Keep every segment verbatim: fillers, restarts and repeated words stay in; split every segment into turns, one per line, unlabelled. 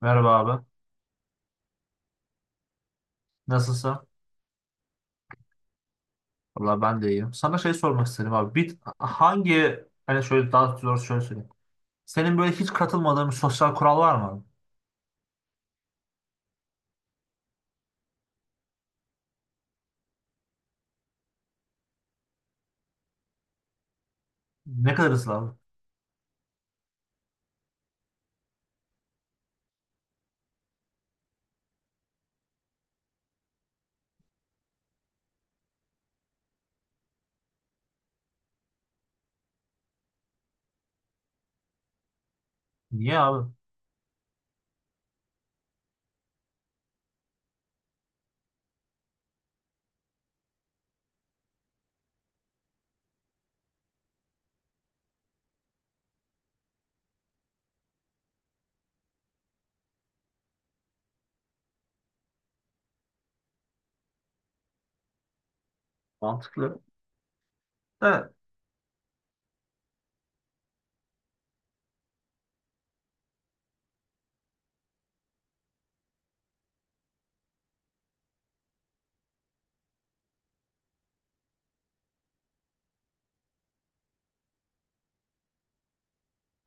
Merhaba abi. Nasılsın? Valla ben de iyiyim. Sana şey sormak istedim abi. Bir, hangi hani şöyle daha zor, şöyle söyleyeyim. Senin böyle hiç katılmadığın bir sosyal kural var mı abi? Ne kadar ısrar abi? Niye abi? Mantıklı. Evet.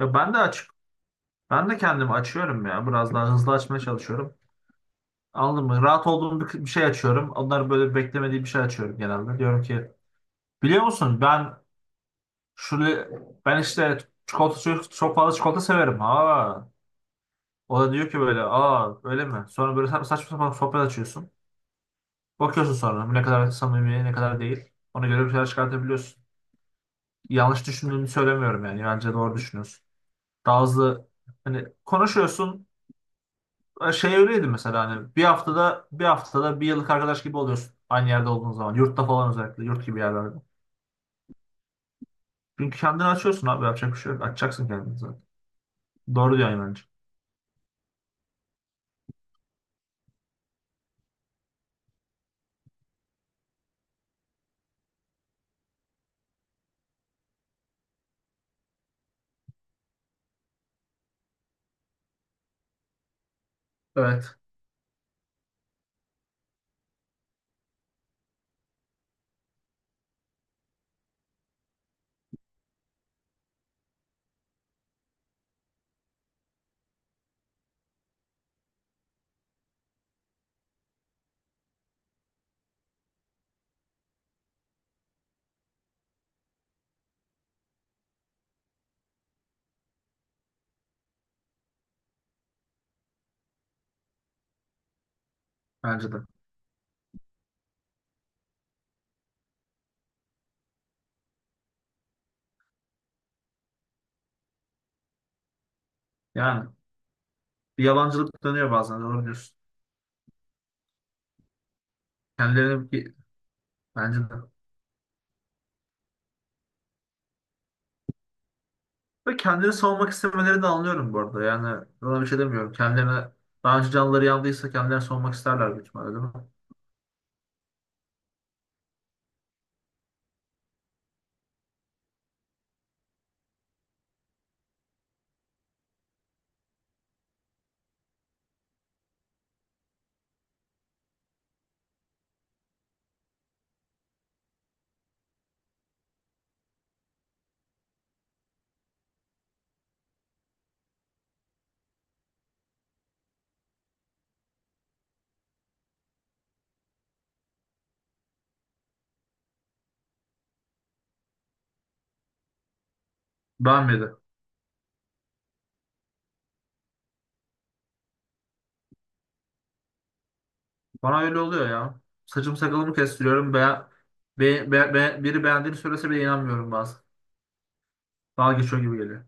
Ya ben de açık. Ben de kendimi açıyorum ya. Biraz daha hızlı açmaya çalışıyorum. Anladın mı? Rahat olduğum bir, bir şey açıyorum. Onların böyle beklemediği bir şey açıyorum genelde. Diyorum ki biliyor musun ben şöyle, ben işte çikolata, çok, çok fazla çikolata severim. Ha. O da diyor ki böyle, aa öyle mi? Sonra böyle sa- saçma sapan sohbet açıyorsun. Bakıyorsun sonra bu ne kadar samimi, ne kadar değil. Ona göre bir şeyler çıkartabiliyorsun. Yanlış düşündüğünü söylemiyorum yani. Bence doğru düşünüyorsun. Daha hızlı hani konuşuyorsun. E, Şey öyleydi mesela, hani bir haftada bir haftada bir yıllık arkadaş gibi oluyorsun. Aynı yerde olduğun zaman. Yurtta falan özellikle. Yurt gibi yerlerde. Çünkü kendini açıyorsun abi. Yapacak bir şey yok. Açacaksın kendini zaten. Doğru diyorsun bence. Evet. Bence de. Yani bir yalancılık dönüyor bazen. Doğru diyorsun. Kendilerini bir- bence de. Ve kendini savunmak istemelerini de anlıyorum bu arada. Yani buna bir şey demiyorum. Kendilerine daha önce canları yandıysa kendilerini savunmak isterler büyük ihtimalle, değil mi? Beğenmedi. Bana öyle oluyor ya. Saçım sakalımı kestiriyorum. Be, be, be, be- biri beğendiğini söylese bile inanmıyorum bazen. Dalga geçiyor gibi geliyor.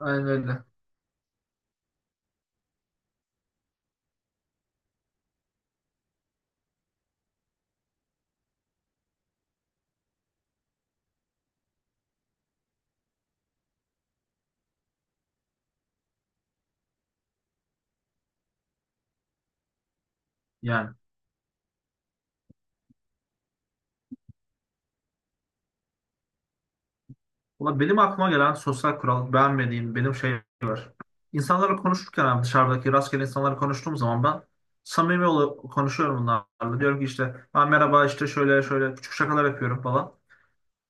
Aynen öyle. Yani, ulan benim aklıma gelen sosyal kural, beğenmediğim benim şey var. İnsanlarla konuşurken abi, dışarıdaki rastgele insanlarla konuştuğum zaman ben samimi ol konuşuyorum bunlarla. Diyorum ki işte ben merhaba işte şöyle şöyle, küçük şakalar yapıyorum falan.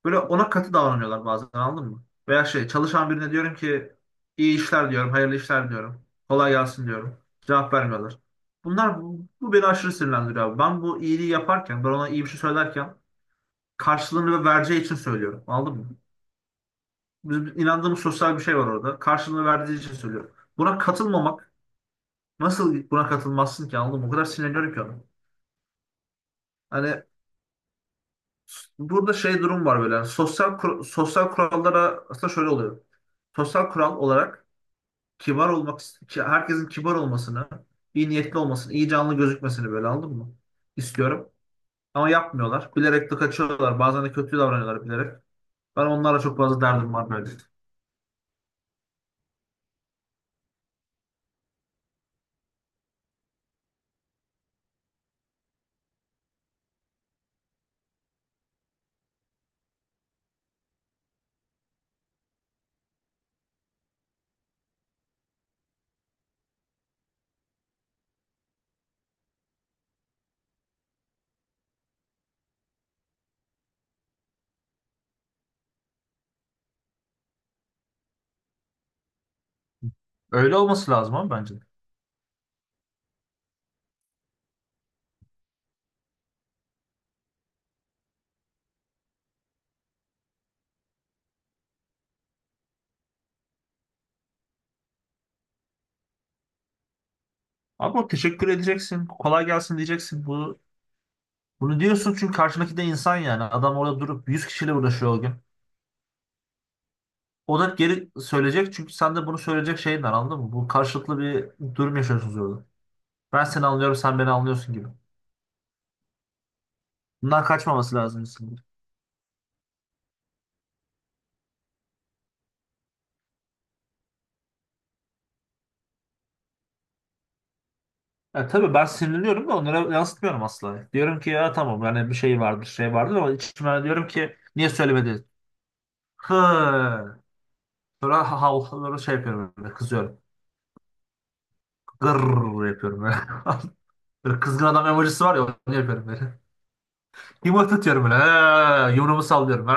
Böyle ona katı davranıyorlar bazen, anladın mı? Veya şey, çalışan birine diyorum ki iyi işler diyorum, hayırlı işler diyorum. Kolay gelsin diyorum. Cevap vermiyorlar. Bunlar bu, bu beni aşırı sinirlendiriyor abi. Ben bu iyiliği yaparken, ben ona iyi bir şey söylerken karşılığını ve vereceği için söylüyorum. Anladın mı? Bizim inandığımız sosyal bir şey var orada. Karşılığını verdiği için söylüyorum. Buna katılmamak, nasıl buna katılmazsın ki, anladın mı? O kadar sinirleniyorum ki ona. Hani s- burada şey durum var böyle. Yani sosyal kur- sosyal kurallara aslında şöyle oluyor. Sosyal kural olarak kibar olmak, ki- herkesin kibar olmasını, iyi niyetli olmasını, iyi canlı gözükmesini, böyle anladın mı? İstiyorum. Ama yapmıyorlar. Bilerek de kaçıyorlar. Bazen de kötü davranıyorlar bilerek. Ben onlarla çok fazla derdim var böyle. Öyle olması lazım abi bence. Ama teşekkür edeceksin. Kolay gelsin diyeceksin. Bunu, bunu diyorsun çünkü karşındaki de insan yani. Adam orada durup yüz kişiyle uğraşıyor o gün. O da geri söyleyecek çünkü sen de bunu söyleyecek şeyin var, anladın mı? Bu karşılıklı bir durum yaşıyorsunuz orada. Ben seni anlıyorum, sen beni anlıyorsun gibi. Bundan kaçmaması lazım. Ya tabii ben sinirleniyorum da onlara yansıtmıyorum asla. Diyorum ki ya tamam yani, bir şey vardır, şey vardır ama içime diyorum ki, niye söylemedi? Hı. Sonra havluları şey yapıyorum böyle, kızıyorum. Gırr yapıyorum böyle. Böyle kızgın adam emojisi var ya, onu yapıyorum böyle. Yumurta atıyorum böyle. Ha, yumruğumu sallıyorum. Ha,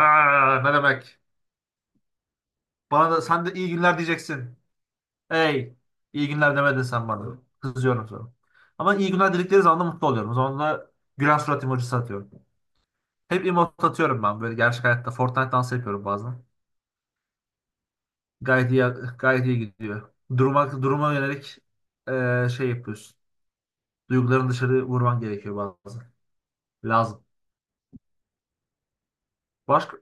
ne demek? Bana da sen de iyi günler diyeceksin. Hey, iyi günler demedin sen bana. Kızıyorum sonra. Ama iyi günler diledikleri zaman da mutlu oluyorum. O zaman da gülen surat emojisi atıyorum. Hep emot atıyorum ben böyle gerçek hayatta. Fortnite dansı yapıyorum bazen. Gayet iyi, gayet iyi gidiyor. Duruma, duruma yönelik eee, şey yapıyorsun. Duygularını dışarı vurman gerekiyor bazen. Lazım. Başka?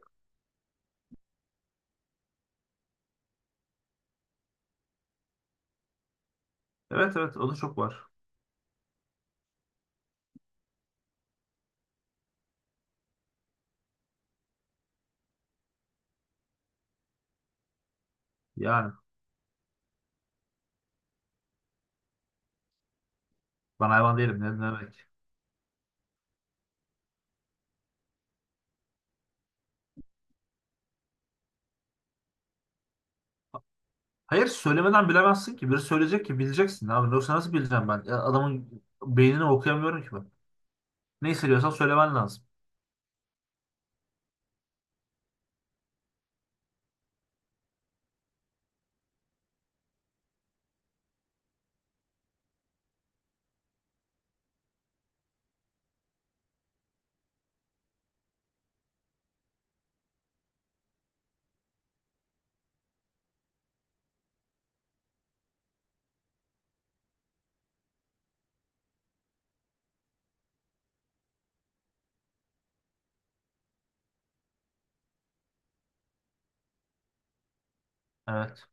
Evet evet o da çok var. Yani ben hayvan değilim, ne ne demek. Hayır, söylemeden bilemezsin ki. Biri söyleyecek ki bileceksin abi. Yoksa nasıl bileceğim ben? Ya, adamın beynini okuyamıyorum ki ben. Ne hissediyorsan söylemen lazım. Evet.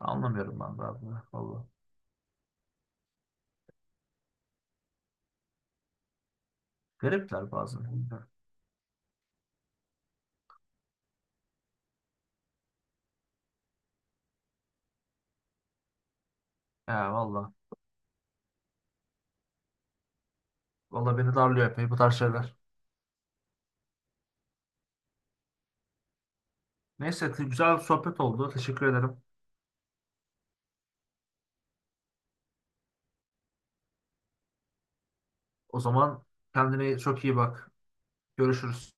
Anlamıyorum ben de abi. Valla. Garipler bazen. Ya valla. Valla beni darlıyor epey bu tarz şeyler. Neyse, güzel bir sohbet oldu. Teşekkür ederim. O zaman kendine çok iyi bak. Görüşürüz.